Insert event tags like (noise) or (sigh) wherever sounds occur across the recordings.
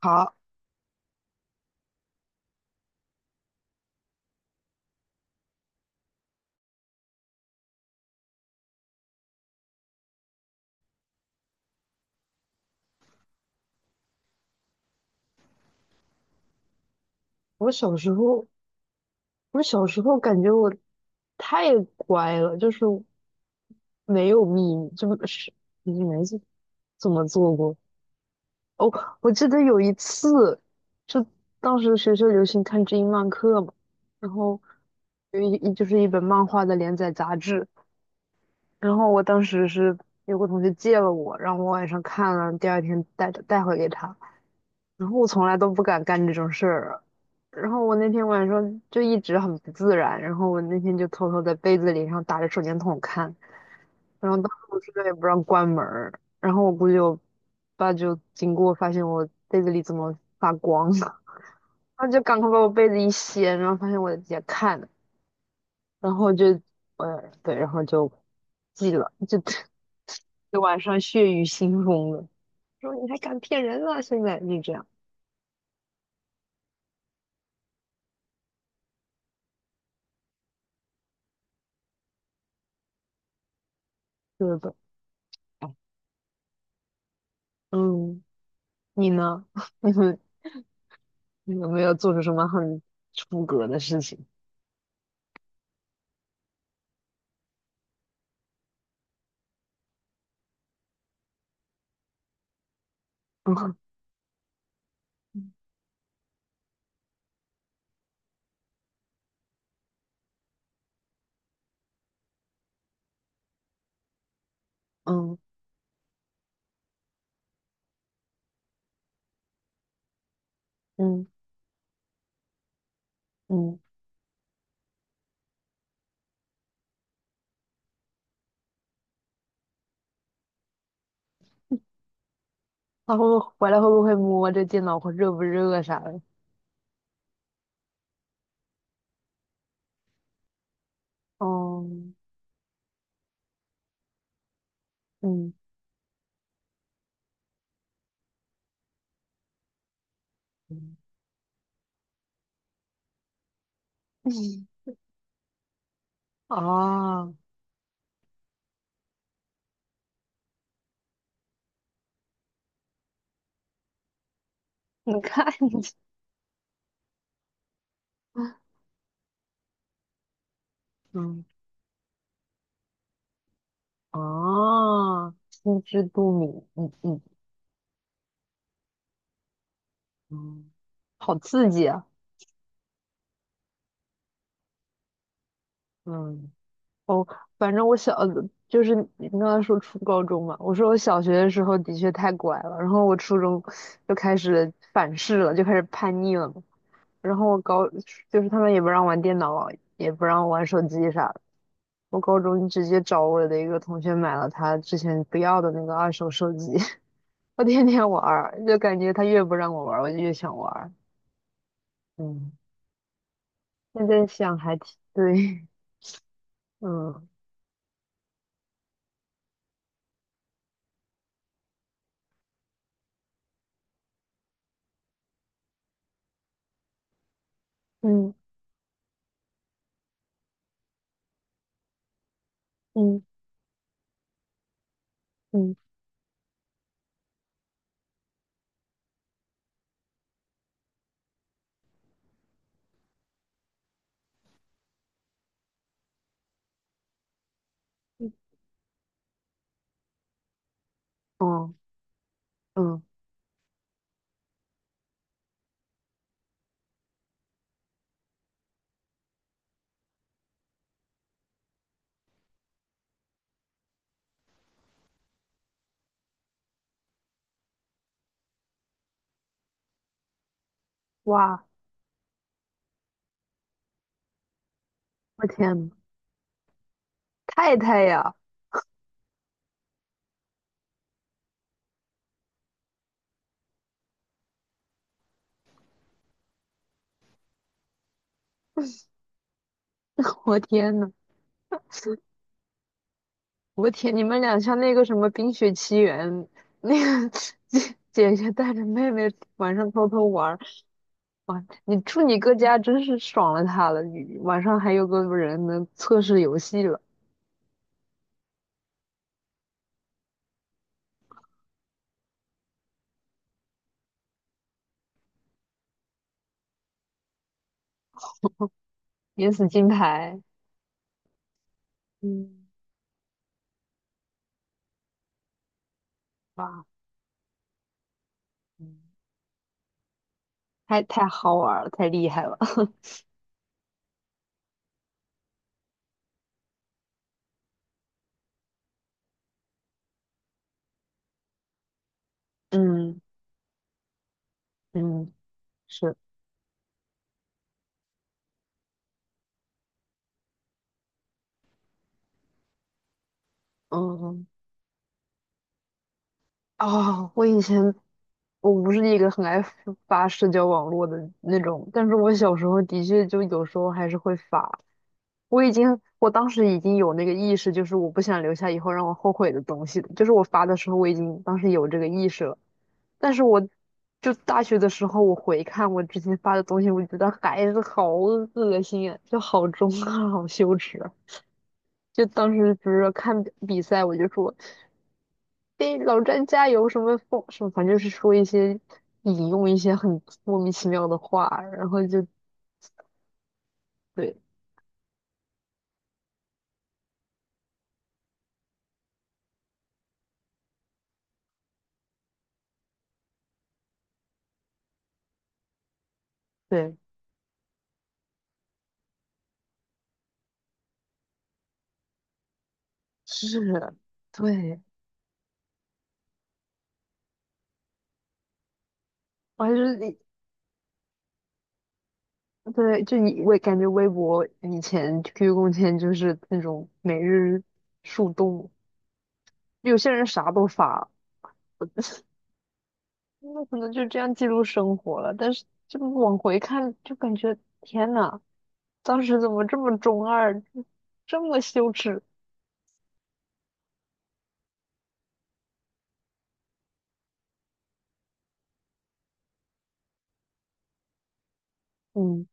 好，我小时候，我小时候感觉我太乖了，就是没有秘密，这不是你没怎么做过？哦，我记得有一次，就当时学校流行看知音漫客嘛，然后有一一就是一本漫画的连载杂志，然后我当时是有个同学借了我，然后我晚上看了，第二天带回给他。然后我从来都不敢干这种事儿。然后我那天晚上就一直很不自然，然后我那天就偷偷在被子里，然后打着手电筒看，然后当时我宿舍也不让关门儿，然后我估计我爸就经过发现我被子里怎么发光了，(laughs) 他就赶快把我被子一掀，然后发现我也看，然后就对，然后就记了，就 (laughs) 就晚上血雨腥风的，说你还敢骗人啊，现在就这样，对吧？哎嗯。你呢？(laughs) 你们你有没有做出什么很出格的事情？(laughs) 嗯嗯嗯嗯，他会不会回来会不会摸这电脑会热不热啥的？哦嗯嗯嗯啊 (laughs)，你看你 (laughs) 嗯啊，心知肚明，嗯嗯嗯，好刺激啊！嗯。哦，反正我小的就是你刚才说初高中嘛，我说我小学的时候的确太乖了，然后我初中就开始反噬了，就开始叛逆了嘛。然后我高，就是他们也不让玩电脑，也不让我玩手机啥的。我高中直接找我的一个同学买了他之前不要的那个二手手机，(laughs) 我天天玩儿，就感觉他越不让我玩儿，我就越想玩儿。嗯，现在想还挺对，(laughs) 嗯嗯嗯嗯，哦嗯，哇。我天呐，太呀！我天呐，我天，你们俩像那个什么《冰雪奇缘》，那个 (laughs) 姐姐带着妹妹晚上偷偷玩儿，哇！你住你哥家真是爽了他了，你晚上还有个人能测试游戏了，免死金牌，嗯，哇，嗯太好玩儿了，太厉害了，(laughs) 嗯嗯，是，嗯。嗯啊，我以前我不是一个很爱发社交网络的那种，但是我小时候的确就有时候还是会发。我已经，我当时已经有那个意识，就是我不想留下以后让我后悔的东西的，就是我发的时候我已经当时有这个意识了。但是我就大学的时候，我回看我之前发的东西，我觉得还是好恶心啊，就好中二，好羞耻啊就当时比如说看比赛，我就说。对，老詹加油什么风什么，反正就是说一些引用一些很莫名其妙的话，然后就对对是，对，我还是对，就你我感觉微博以前 QQ 空间就是那种每日树洞，有些人啥都发，我 (laughs) 那可能就这样记录生活了。但是就往回看，就感觉天呐，当时怎么这么中二，这么羞耻？嗯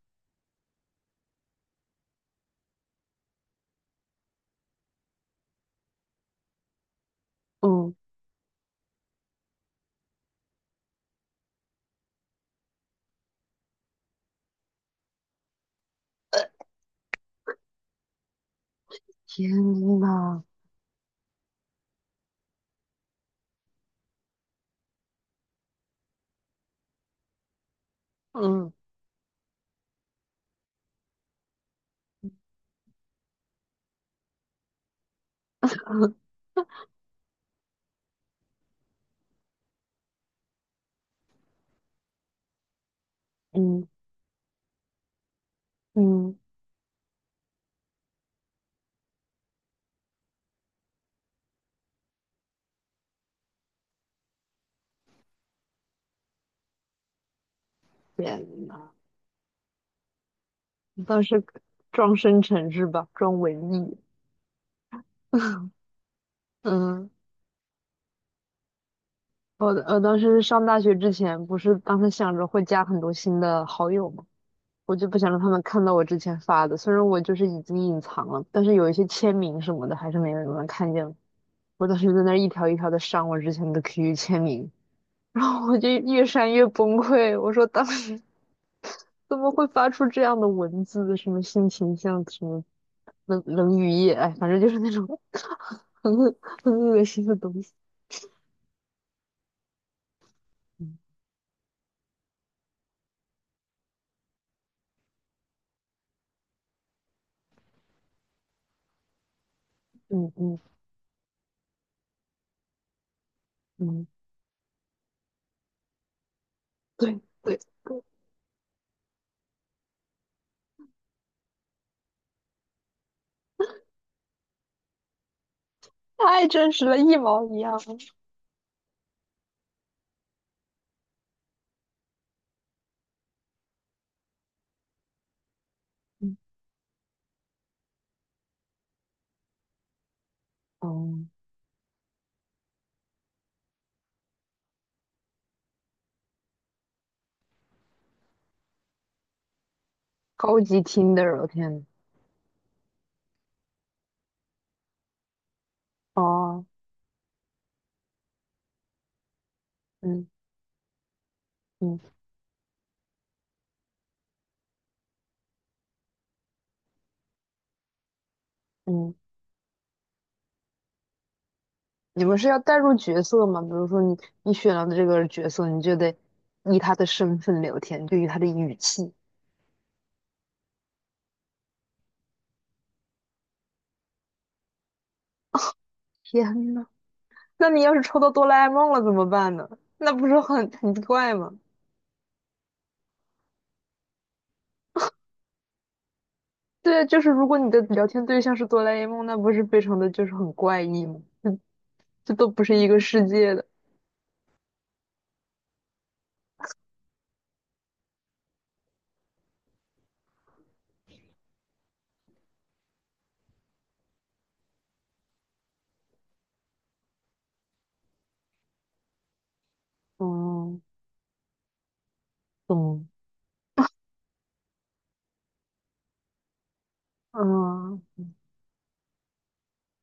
嗯。天呐，嗯 (laughs) 嗯嗯，天呐，你倒是装深沉是吧？装文艺。(laughs) 嗯，我当时上大学之前，不是当时想着会加很多新的好友嘛，我就不想让他们看到我之前发的。虽然我就是已经隐藏了，但是有一些签名什么的，还是没有人能看见。我当时在那儿一条一条的删我之前的 QQ 签名，然后我就越删越崩溃，我说当时怎么会发出这样的文字？什么性情像什么冷冷雨夜，哎，反正就是那种 (laughs) 很恶很恶心的东西。嗯嗯嗯嗯，对对对，太真实了，一毛一样。嗯，哦，高级 Tinder,我天呐。哦，嗯嗯嗯，你们是要带入角色吗？比如说你选了这个角色，你就得以他的身份聊天，对于他的语气。天呐，那你要是抽到哆啦 A 梦了怎么办呢？那不是很怪吗？对啊，就是如果你的聊天对象是哆啦 A 梦，那不是非常的就是很怪异吗？这都不是一个世界的。哦，懂。嗯，